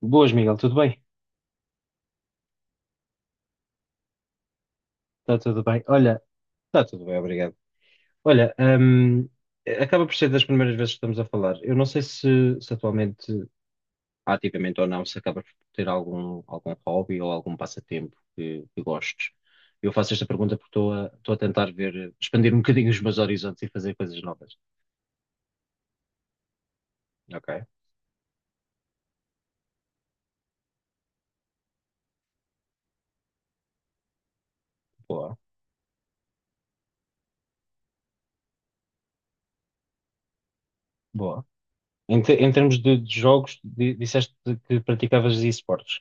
Boas, Miguel, tudo bem? Está tudo bem. Olha, está tudo bem, obrigado. Olha, acaba por ser das primeiras vezes que estamos a falar. Eu não sei se atualmente, ativamente ou não, se acaba por ter algum hobby ou algum passatempo que gostes. Eu faço esta pergunta porque estou estou a tentar ver, expandir um bocadinho os meus horizontes e fazer coisas novas. Ok, boa, boa. Em termos de jogos, disseste que praticavas esportes.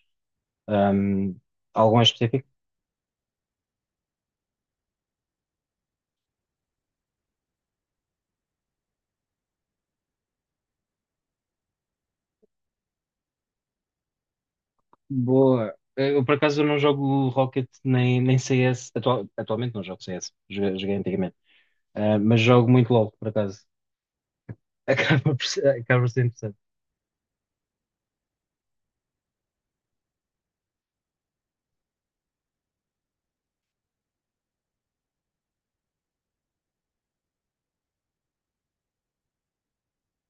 Hum, Algum em específico? Boa. Eu, por acaso, não jogo Rocket nem CS. Atualmente não jogo CS. Joguei antigamente. Ah, mas jogo muito LOL, por acaso. Acaba por ser interessante.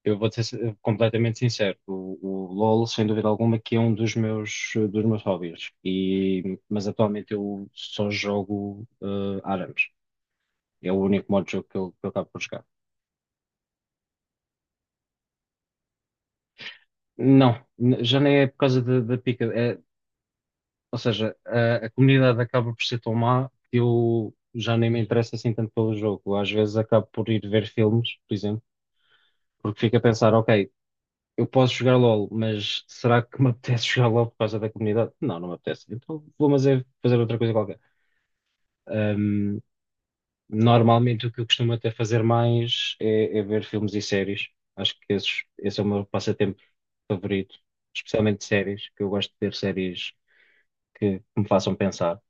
Eu vou ser completamente sincero. O LOL, sem dúvida alguma, que é um dos meus, dos meus hobbies. E, mas atualmente eu só jogo Arames. É o único modo de jogo que que eu acabo por jogar. Não, já nem é por causa da pica. É, ou seja, a comunidade acaba por ser tão má que eu já nem me interesso assim tanto pelo jogo. Às vezes acabo por ir ver filmes, por exemplo, porque fico a pensar, ok, eu posso jogar LOL, mas será que me apetece jogar LOL por causa da comunidade? Não, não me apetece. Então vou fazer outra coisa qualquer. Ahm, Normalmente o que eu costumo até fazer mais é ver filmes e séries. Acho que esse é o meu passatempo favorito, especialmente séries, que eu gosto de ver séries que me façam pensar.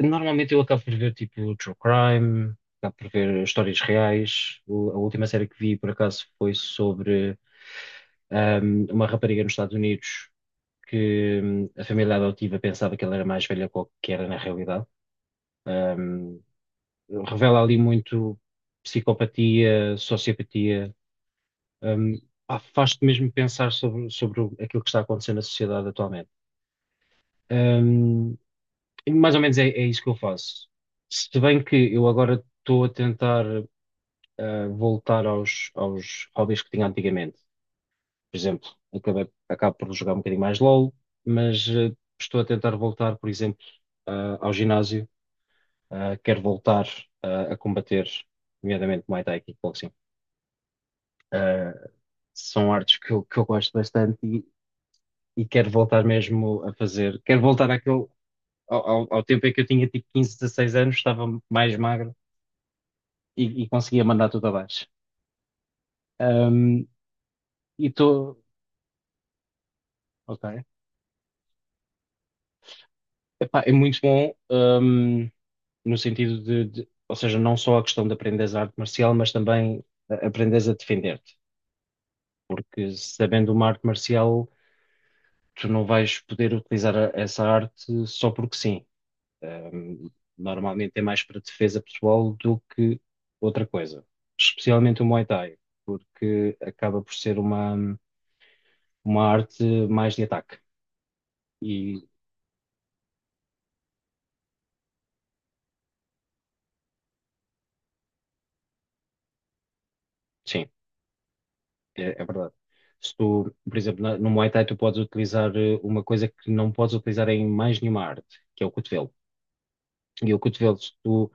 Normalmente eu acabo por ver tipo True Crime, acabo por ver histórias reais. A última série que vi por acaso foi sobre uma rapariga nos Estados Unidos que a família adotiva pensava que ela era mais velha que era na realidade. Ahm, Revela ali muito psicopatia, sociopatia. Ahm, Pá, faz-te mesmo pensar sobre aquilo que está acontecendo na sociedade atualmente. Um, E mais ou menos é isso que eu faço. Se bem que eu agora estou a tentar voltar aos hobbies que tinha antigamente. Por exemplo, acabo por jogar um bocadinho mais LOL, mas estou a tentar voltar, por exemplo, ao ginásio. Ah, quero voltar a combater, nomeadamente Muay Thai e Kickboxing. Ah, são artes que que eu gosto bastante e quero voltar mesmo a fazer. Quero voltar àquele, ao tempo em que eu tinha tipo 15, 16 anos, estava mais magro e conseguia mandar tudo abaixo. Um, e estou. Ok. Epá, é muito bom, no sentido ou seja, não só a questão de aprenderes a arte marcial, mas também aprenderes a defender-te. Porque sabendo uma arte marcial, tu não vais poder utilizar essa arte só porque sim. Um, Normalmente é mais para defesa pessoal do que outra coisa. Especialmente o Muay Thai, porque acaba por ser uma arte mais de ataque. E sim. É, é verdade. Se tu, por exemplo, no Muay Thai tu podes utilizar uma coisa que não podes utilizar em mais nenhuma arte, que é o cotovelo. E o cotovelo,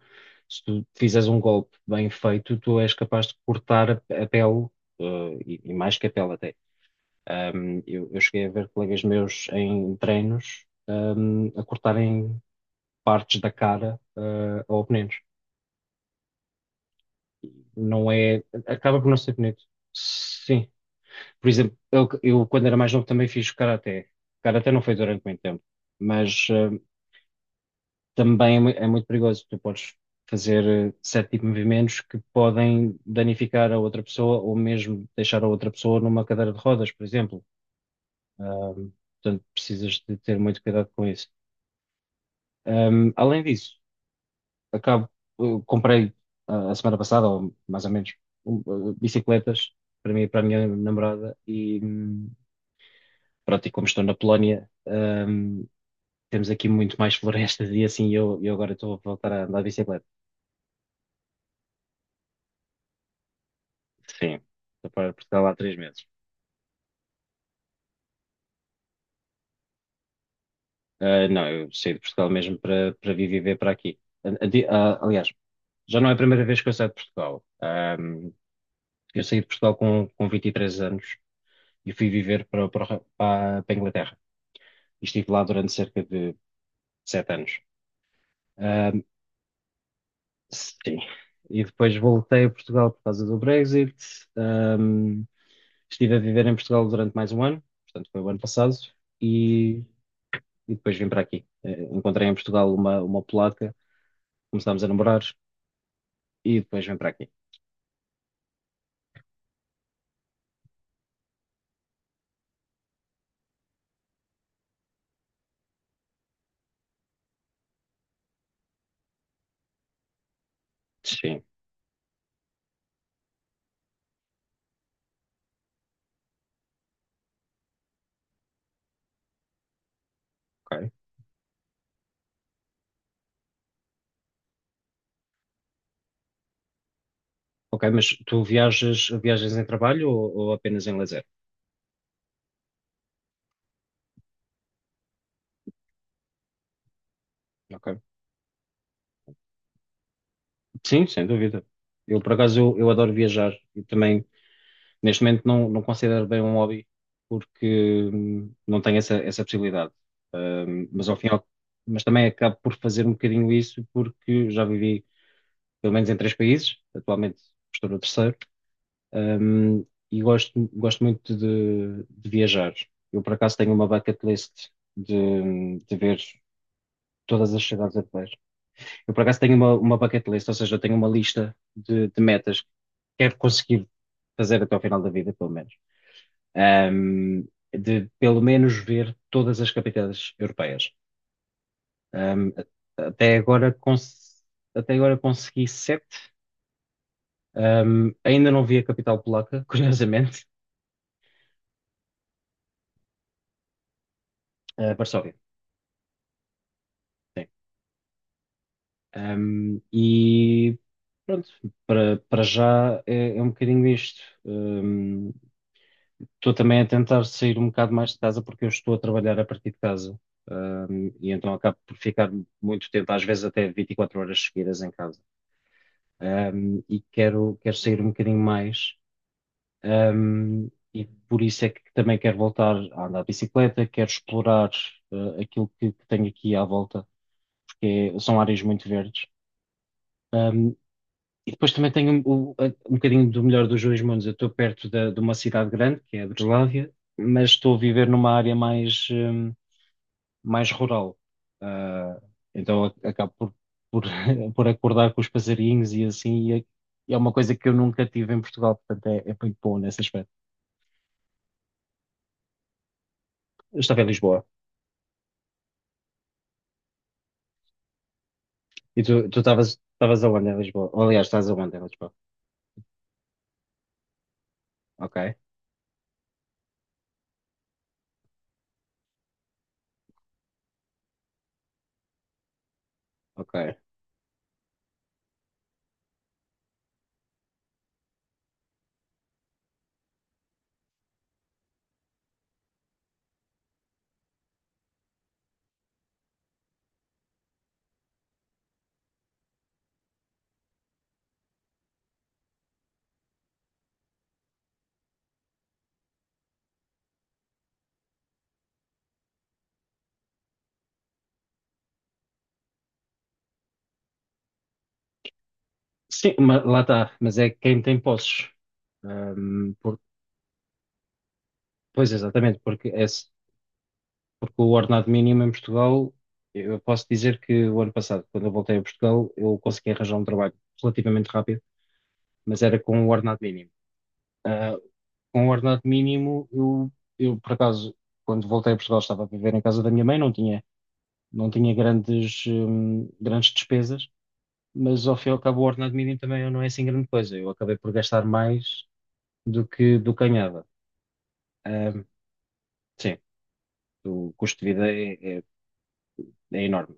se tu fizeres um golpe bem feito, tu és capaz de cortar a pele, e mais que a pele até. Eu cheguei a ver colegas meus em treinos, a cortarem partes da cara, a oponentes. Não é, acaba por não ser bonito. Sim, por exemplo, eu, quando era mais novo também fiz karaté. Karaté não foi durante muito tempo, mas também é, é muito perigoso. Tu podes fazer certo tipo de movimentos que podem danificar a outra pessoa ou mesmo deixar a outra pessoa numa cadeira de rodas, por exemplo. Ahm, Portanto, precisas de ter muito cuidado com isso. Além disso, acabo, eu comprei a semana passada, ou mais ou menos, um, bicicletas para mim e para a minha namorada e pronto, e como estou na Polónia, temos aqui muito mais florestas e assim eu agora estou a voltar a andar de bicicleta. Sim, estou fora Portugal há 3 meses. Ah, não, eu saí de Portugal mesmo para vir viver para aqui. Aliás, já não é a primeira vez que eu saio de Portugal. Ah, eu saí de Portugal com 23 anos e fui viver para a Inglaterra. E estive lá durante cerca de 7 anos. Ah, sim. E depois voltei a Portugal por causa do Brexit. Estive a viver em Portugal durante mais um ano, portanto foi o ano passado, e, e depois vim para aqui. Eh, encontrei em Portugal uma polaca, começámos a namorar e depois vim para aqui. Sim, ok. Ok, mas tu viajas em trabalho ou apenas em lazer? Ok. Sim, sem dúvida. Eu, por acaso, eu adoro viajar e também, neste momento, não, não considero bem um hobby porque não tenho essa possibilidade. Mas ao fim, e mas também acabo por fazer um bocadinho isso porque já vivi pelo menos em 3 países, atualmente estou no terceiro. Um, e gosto, gosto muito de viajar. Eu, por acaso, tenho uma bucket list de ver todas as cidades europeias. Eu, por acaso, tenho uma bucket list, ou seja, eu tenho uma lista de metas que quero conseguir fazer até ao final da vida, pelo menos. Um, de, pelo menos, ver todas as capitais europeias. Um, a- até agora, cons- até agora consegui sete. Ainda não vi a capital polaca, curiosamente, Varsóvia. Sim. Um, e Pronto, para já é um bocadinho isto. Estou também a tentar sair um bocado mais de casa porque eu estou a trabalhar a partir de casa. E então acabo por ficar muito tempo, às vezes até 24 horas seguidas em casa. E quero sair um bocadinho mais. Um, e por isso é que também quero voltar a andar de bicicleta, quero explorar aquilo que tenho aqui à volta, porque são áreas muito verdes. Um, e depois também tenho bocadinho do melhor dos dois mundos. Eu estou perto de uma cidade grande, que é a Breslávia, mas estou a viver numa área mais, mais rural. Uh, então acabo por por acordar com os passarinhos e assim, é uma coisa que eu nunca tive em Portugal, portanto é, é muito bom nesse aspecto. Eu estava em Lisboa. E tu estavas, estavas aonde em Lisboa? Ou, aliás, estás aonde em Lisboa? Ok, ok. Sim, lá está, mas é quem tem posses. Ahm, por- Pois exatamente, porque, porque o ordenado mínimo em Portugal, eu posso dizer que o ano passado, quando eu voltei a Portugal, eu consegui arranjar um trabalho relativamente rápido, mas era com o ordenado mínimo. Ah, com o ordenado mínimo, eu por acaso, quando voltei a Portugal, estava a viver em casa da minha mãe, não tinha grandes, grandes despesas. Mas ao fim e ao cabo o ordenado mínimo também não é assim grande coisa. Eu acabei por gastar mais do que ganhava. Ahm, sim, o custo de vida é enorme.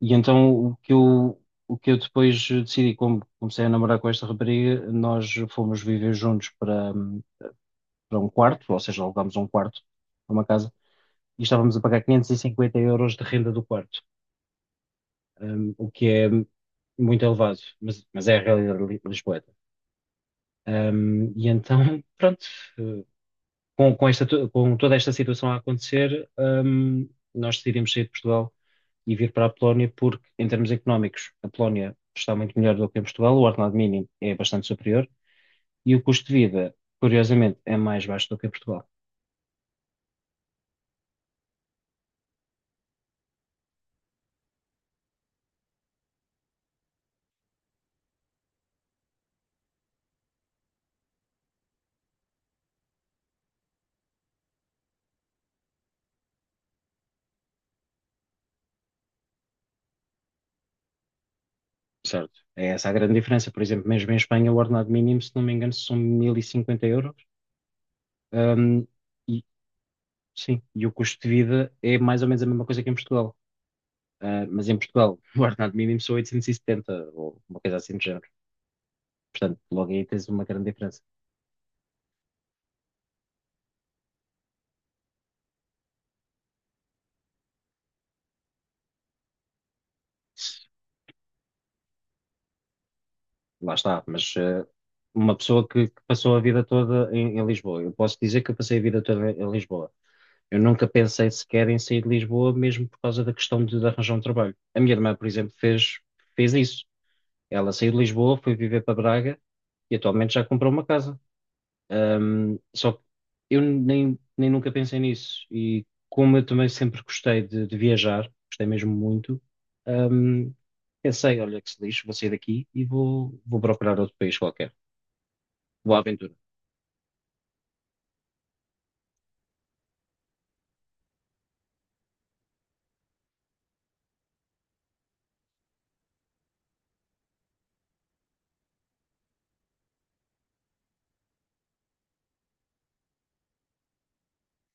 E então o que o que eu depois decidi, como comecei a namorar com esta rapariga, nós fomos viver juntos para, para um quarto, ou seja, alugámos um quarto para uma casa e estávamos a pagar 550 € de renda do quarto, o que é muito elevado, mas é a realidade lisboeta. E então, pronto, com esta com toda esta situação a acontecer, nós decidimos sair de Portugal e vir para a Polónia porque, em termos económicos, a Polónia está muito melhor do que em Portugal, o ordenado mínimo é bastante superior e o custo de vida, curiosamente, é mais baixo do que em Portugal. Certo. É essa a grande diferença. Por exemplo, mesmo em Espanha, o ordenado mínimo, se não me engano, são 1050 euros. Hum, e, sim, e o custo de vida é mais ou menos a mesma coisa que em Portugal. Ah, mas em Portugal, o ordenado mínimo são 870 ou uma coisa assim do género. Portanto, logo aí tens uma grande diferença. Lá está, mas uma pessoa que passou a vida toda em Lisboa, eu posso dizer que eu passei a vida toda em Lisboa. Eu nunca pensei sequer em sair de Lisboa, mesmo por causa da questão de arranjar um trabalho. A minha irmã, por exemplo, fez isso. Ela saiu de Lisboa, foi viver para Braga e atualmente já comprou uma casa. Só que eu nem nunca pensei nisso. E como eu também sempre gostei de viajar, gostei mesmo muito, um, pensei, olha que se lixo, vou sair daqui e vou procurar outro país qualquer. Vou à aventura.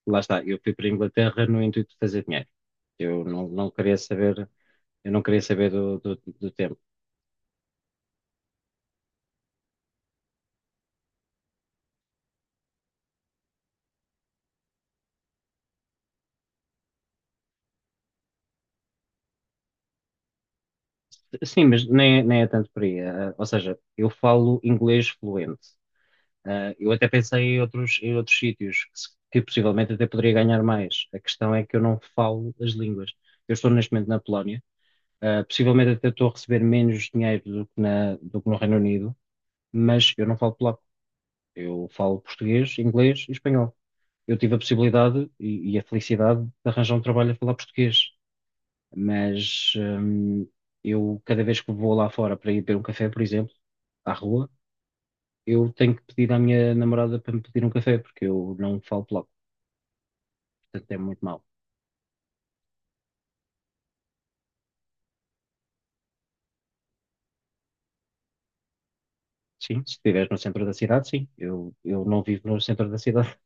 Lá está, eu fui para a Inglaterra no intuito de fazer dinheiro. Eu não, não queria saber, eu não queria saber do tempo. Sim, mas nem, nem é tanto por aí. Ah, ou seja, eu falo inglês fluente. Ah, eu até pensei em em outros sítios que, se- que possivelmente até poderia ganhar mais. A questão é que eu não falo as línguas. Eu estou neste momento na Polónia. Ah, possivelmente até estou a receber menos dinheiro do que, do que no Reino Unido, mas eu não falo polaco. Eu falo português, inglês e espanhol. Eu tive a possibilidade e a felicidade de arranjar um trabalho a falar português, mas eu cada vez que vou lá fora para ir beber um café, por exemplo, à rua, eu tenho que pedir à minha namorada para me pedir um café, porque eu não falo logo, portanto é muito mau. Sim, se estiveres no centro da cidade, sim. Eu não vivo no centro da cidade.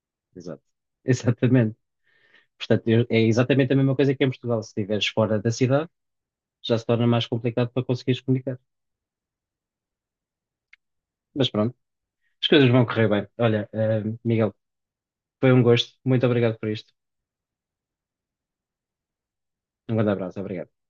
Exato. Exatamente. Portanto, é exatamente a mesma coisa que em Portugal. Se estiveres fora da cidade, já se torna mais complicado para conseguires comunicar. Mas pronto, as coisas vão correr bem. Olha, eh, Miguel, foi um gosto. Muito obrigado por isto. Um grande abraço. Obrigado.